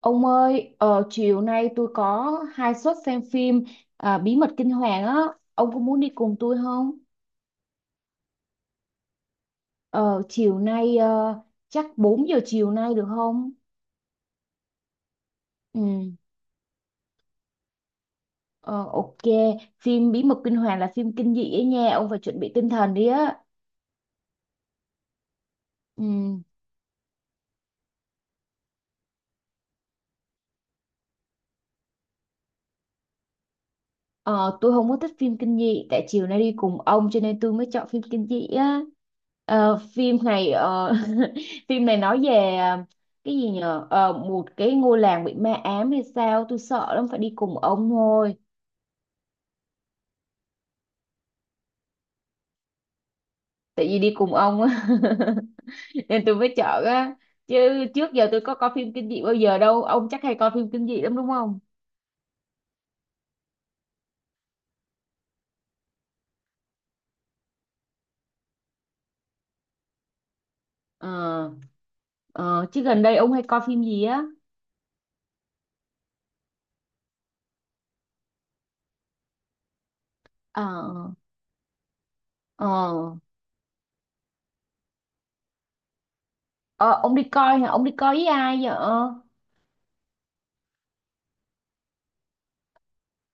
Ông ơi, chiều nay tôi có hai suất xem phim à, Bí mật kinh hoàng á, ông có muốn đi cùng tôi không? Ờ, chiều nay chắc 4 giờ chiều nay được không? Ừ, ờ, ok, phim Bí mật kinh hoàng là phim kinh dị ấy nha, ông phải chuẩn bị tinh thần đi á. Ừ. Ờ, tôi không có thích phim kinh dị tại chiều nay đi cùng ông cho nên tôi mới chọn phim kinh dị á. Ờ, phim này phim này nói về cái gì nhờ. Ờ, một cái ngôi làng bị ma ám hay sao tôi sợ lắm phải đi cùng ông thôi. Tại vì đi cùng ông á nên tôi mới chọn á, chứ trước giờ tôi có coi phim kinh dị bao giờ đâu. Ông chắc hay coi phim kinh dị lắm đúng không? Ờ, ờ, chứ gần đây ông hay coi phim gì á? Ờ, ờ, ờ, ông đi coi hả? Ông đi coi với ai vậy?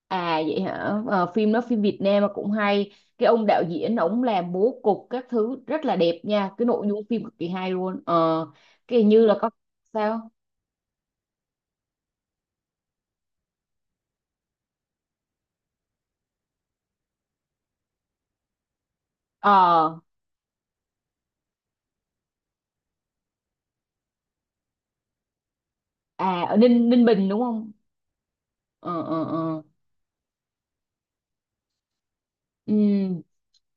À vậy hả? Ờ, phim đó phim Việt Nam mà cũng hay. Cái ông đạo diễn ổng làm bố cục các thứ rất là đẹp nha, cái nội dung phim cực kỳ hay luôn. Ờ, cái hình như là có. Sao? Ờ. À ở Ninh Ninh Bình đúng không? Ờ ờ ờ. Ừ,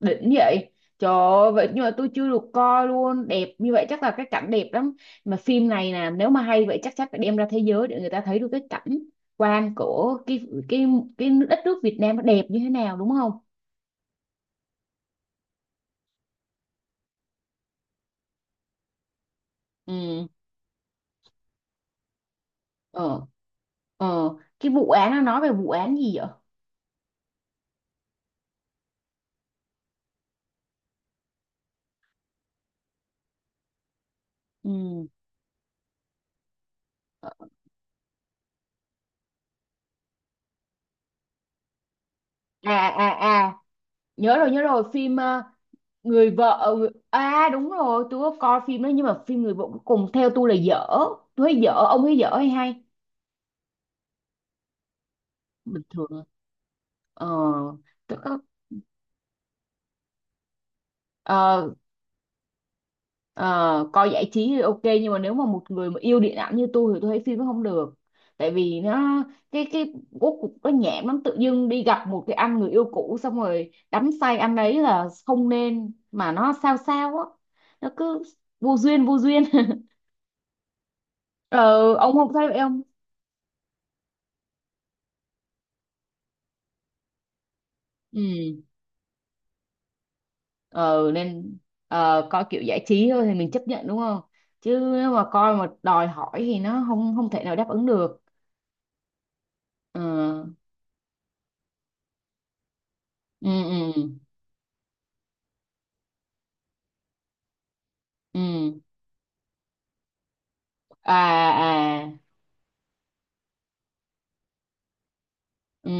đỉnh vậy. Trời ơi, vậy nhưng mà tôi chưa được coi luôn, đẹp như vậy chắc là cái cảnh đẹp lắm. Mà phim này nè, nếu mà hay vậy chắc chắn phải đem ra thế giới để người ta thấy được cái cảnh quan của cái cái đất nước Việt Nam nó đẹp như thế nào đúng không? Ừ. Ờ. Ờ, cái vụ án nó nói về vụ án gì vậy? Ừ. À à, nhớ rồi, phim người vợ người... à đúng rồi, tôi có coi phim đó nhưng mà phim người vợ cuối cùng theo tôi là dở. Tôi thấy dở, ông thấy dở hay hay? Bình thường. Ờ, tôi có ờ, Ờ, coi giải trí thì ok nhưng mà nếu mà một người mà yêu điện ảnh như tôi thì tôi thấy phim nó không được. Tại vì nó cái bố cục nó nhảm lắm, tự dưng đi gặp một cái anh người yêu cũ xong rồi đắm say anh ấy là không nên, mà nó sao sao á, nó cứ vô duyên ờ, ông không thấy vậy không? Ừ. ờ, Nên coi kiểu giải trí thôi thì mình chấp nhận đúng không? Chứ nếu mà coi mà đòi hỏi thì nó không không thể nào đáp ứng được. Ờ, ừ ừ ừ. À à. Ừ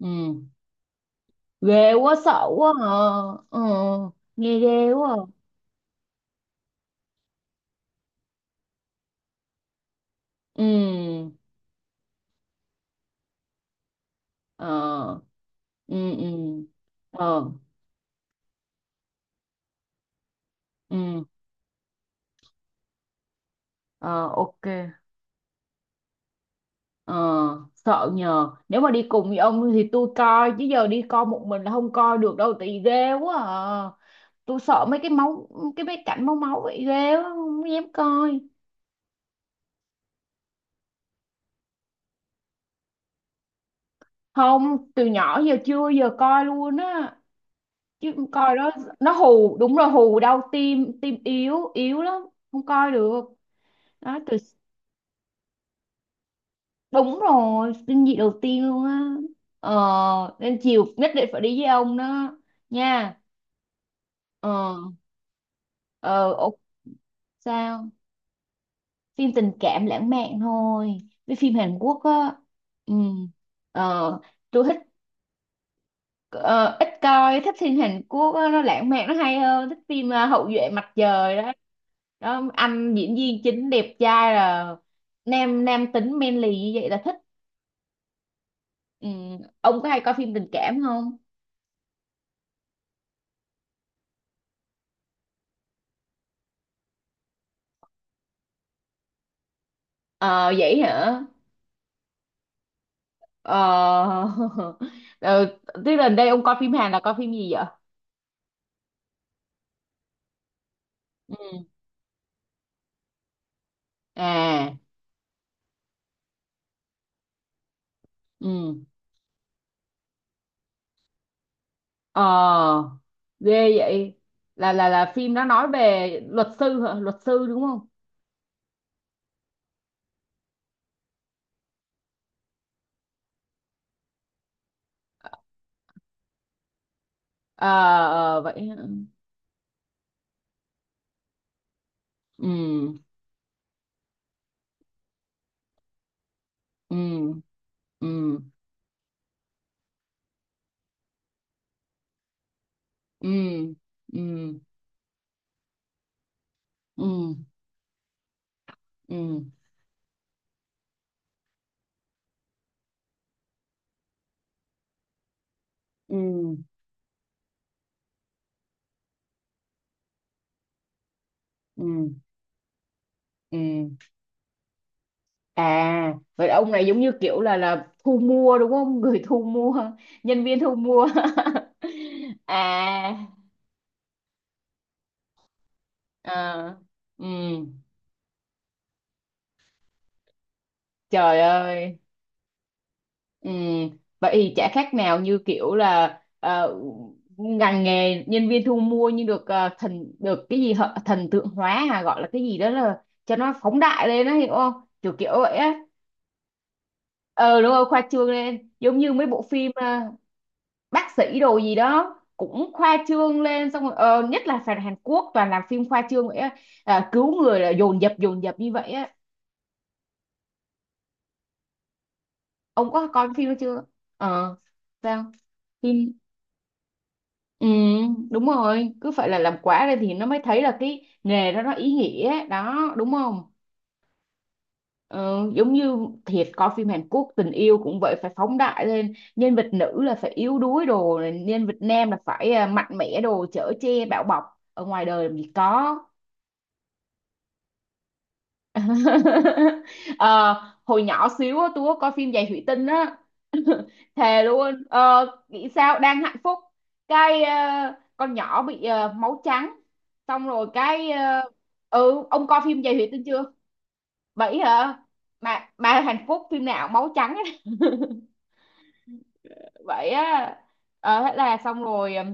ừ. Ghê quá sợ quá à. Ừ. Nghe ghê quá à. Ừ. Ờ. Ừ ừ. Ờ. Ừ. Ờ. Ok. Ờ. Sợ nhờ, nếu mà đi cùng với ông thì tôi coi, chứ giờ đi coi một mình là không coi được đâu, tại vì ghê quá à. Tôi sợ mấy cái máu, cái mấy cảnh máu máu vậy ghê quá không dám coi. Không, từ nhỏ giờ chưa giờ coi luôn á, chứ coi đó nó hù đúng rồi, hù đau tim, tim yếu yếu lắm, không coi được đó từ. Đúng rồi, kinh dị đầu tiên luôn á. Ờ, nên chiều nhất định phải đi với ông đó nha. Ờ ờ ồ, sao? Phim tình cảm lãng mạn thôi, với phim Hàn Quốc á. Ừ. Ờ. Tôi thích. Ờ, Ít coi, thích phim Hàn Quốc á, nó lãng mạn nó hay hơn. Thích phim Hậu duệ mặt trời đó. Đó anh diễn viên chính đẹp trai là nam nam tính manly như vậy là thích. Ừ. Ông có hay coi phim tình cảm không? Ờ vậy hả? Ờ. Ờ, tức là đây ông coi phim Hàn là coi phim gì vậy? Ừ. À. Ừ. Ờ. Ghê vậy. Là phim nó nói về luật sư hả, luật sư đúng không? Ờ. Ờ, vậy hả? Ừ ừ ừ ừ ừ ừ ừ ừ ừ ừ. À vậy là ông này giống như kiểu là thu mua đúng không? Người thu mua, nhân viên thu mua. À à. Ừ. Trời ơi. Ừ, vậy thì chả khác nào như kiểu là ngành nghề nhân viên thu mua nhưng được thần được cái gì hả? Thần tượng hóa à, gọi là cái gì đó, là cho nó phóng đại lên đó hiểu không? Kiểu kiểu vậy á. Ờ đúng rồi, khoa trương lên giống như mấy bộ phim bác sĩ đồ gì đó cũng khoa trương lên, xong rồi nhất là phản Hàn Quốc toàn làm phim khoa trương vậy á. À, cứu người là dồn dập như vậy á. Ông có coi phim đó chưa? Ờ. Sao? Phim. Ừ, đúng rồi, cứ phải là làm quả ra thì nó mới thấy là cái nghề đó nó ý nghĩa ấy. Đó, đúng không? Ờ, giống như thiệt, coi phim Hàn Quốc tình yêu cũng vậy, phải phóng đại lên, nhân vật nữ là phải yếu đuối đồ, nhân vật nam là phải à, mạnh mẽ đồ, chở che bảo bọc. Ở ngoài đời làm gì có. Ờ, hồi nhỏ xíu á, tôi có coi phim Giày Thủy Tinh á thề luôn, nghĩ sao đang hạnh phúc cái con nhỏ bị máu trắng, xong rồi cái ừ, ông coi phim Giày Thủy Tinh chưa? Bảy hả? Mà hạnh phúc phim nào máu trắng ấy. Vậy á. Ờ, thế là xong rồi,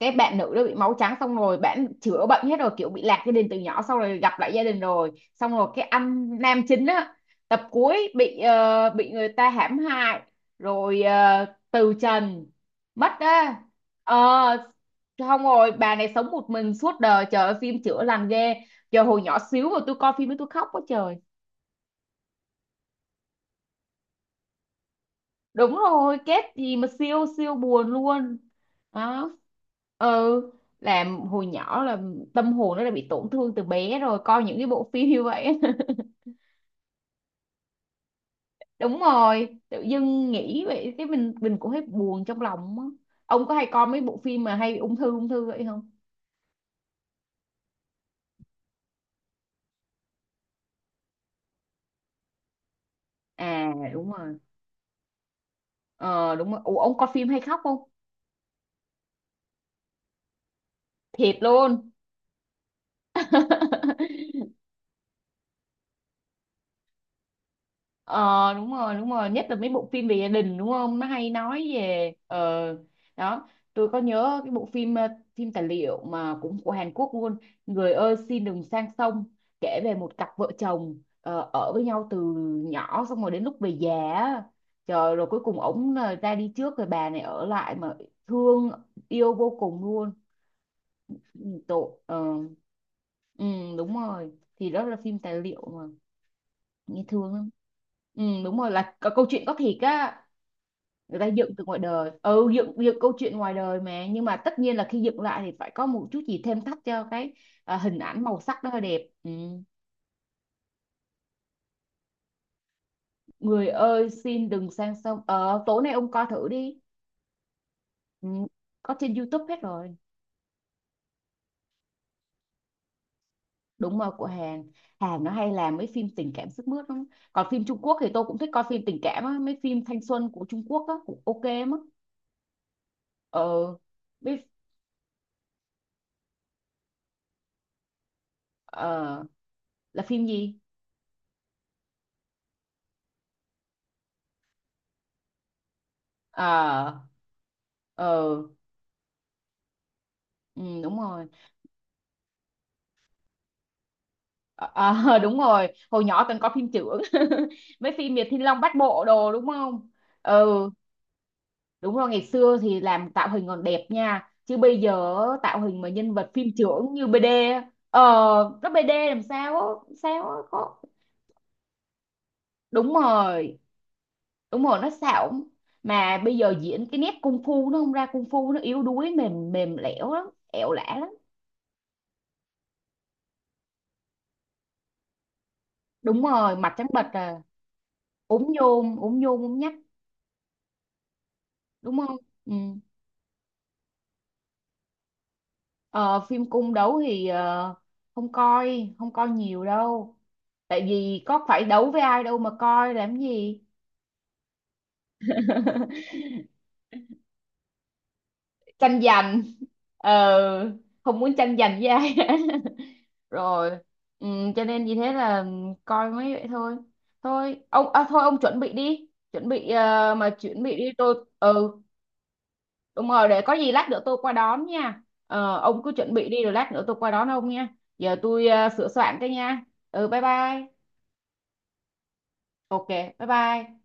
cái bạn nữ đó bị máu trắng xong rồi bạn chữa bệnh hết rồi, kiểu bị lạc gia đình từ nhỏ, xong rồi gặp lại gia đình rồi, xong rồi cái anh nam chính á, tập cuối bị bị người ta hãm hại, rồi từ trần, mất á. Ờ. Không, rồi bà này sống một mình suốt đời, trời ơi, phim chữa lành ghê. Giờ hồi nhỏ xíu mà tôi coi phim ấy tôi khóc quá trời. Đúng rồi, kết gì mà siêu siêu buồn luôn. Đó. Ừ. Làm hồi nhỏ là tâm hồn nó đã bị tổn thương từ bé rồi coi những cái bộ phim như vậy. Đúng rồi, tự dưng nghĩ vậy cái mình cũng thấy buồn trong lòng á. Ông có hay coi mấy bộ phim mà hay bị ung thư vậy không? À đúng rồi. Ờ đúng rồi. Ủa, ông coi phim hay khóc không? Thiệt luôn. Ờ đúng rồi đúng rồi, nhất là mấy bộ phim về gia đình đúng không, nó hay nói về ờ. Đó, tôi có nhớ cái bộ phim phim tài liệu mà cũng của Hàn Quốc luôn, người ơi xin đừng sang sông, kể về một cặp vợ chồng ở với nhau từ nhỏ, xong rồi đến lúc về già á. Trời, rồi cuối cùng ổng là ra đi trước rồi bà này ở lại mà thương yêu vô cùng luôn. Tội ờ. Ừ, đúng rồi thì đó là phim tài liệu mà, nghe thương lắm. Ừ, đúng rồi, là có câu chuyện có thiệt á. Người ta dựng từ ngoài đời, ừ, dựng dựng câu chuyện ngoài đời mà, nhưng mà tất nhiên là khi dựng lại thì phải có một chút gì thêm thắt cho cái à, hình ảnh màu sắc đó hơi đẹp. Ừ. Người ơi xin đừng sang sông, ờ tối nay ông coi thử đi. Ừ. Có trên YouTube hết rồi. Đúng rồi, của Hàn. Hàn nó hay làm mấy phim tình cảm sức mướt lắm. Còn phim Trung Quốc thì tôi cũng thích coi phim tình cảm á, mấy phim thanh xuân của Trung Quốc á cũng ok lắm á. Ờ. Biết. Ờ, là phim gì? Ờ. Ờ. Ừ, đúng rồi. Ờ. Ờ, đúng rồi, hồi nhỏ từng có phim chưởng mấy phim Việt Thiên Long Bát Bộ đồ đúng không? Ừ. Đúng rồi, ngày xưa thì làm tạo hình còn đẹp nha chứ bây giờ tạo hình mà nhân vật phim chưởng như BD á, ờ nó BD làm sao á, có. Đúng rồi đúng rồi, nó xạo. Mà bây giờ diễn cái nét cung phu nó không ra cung phu, nó yếu đuối mềm mềm lẻo lắm, ẻo lả lắm. Đúng rồi, mặt trắng bệch à. Ốm nhôm ốm nhôm ốm nhách. Đúng không? Ừ. Ờ, phim cung đấu thì không coi, không coi nhiều đâu, tại vì có phải đấu với ai đâu mà coi làm gì. Tranh giành. Ờ, không muốn tranh giành với ai. Rồi. Ừ, cho nên vì thế là coi mấy vậy thôi. Thôi ông à, thôi ông chuẩn bị đi, chuẩn bị mà chuẩn bị đi tôi. Ừ. Đúng rồi, để có gì lát nữa tôi qua đón nha. Ờ, ông cứ chuẩn bị đi rồi lát nữa tôi qua đón ông nha. Giờ tôi sửa soạn cái nha. Ừ, bye bye. Ok, bye bye.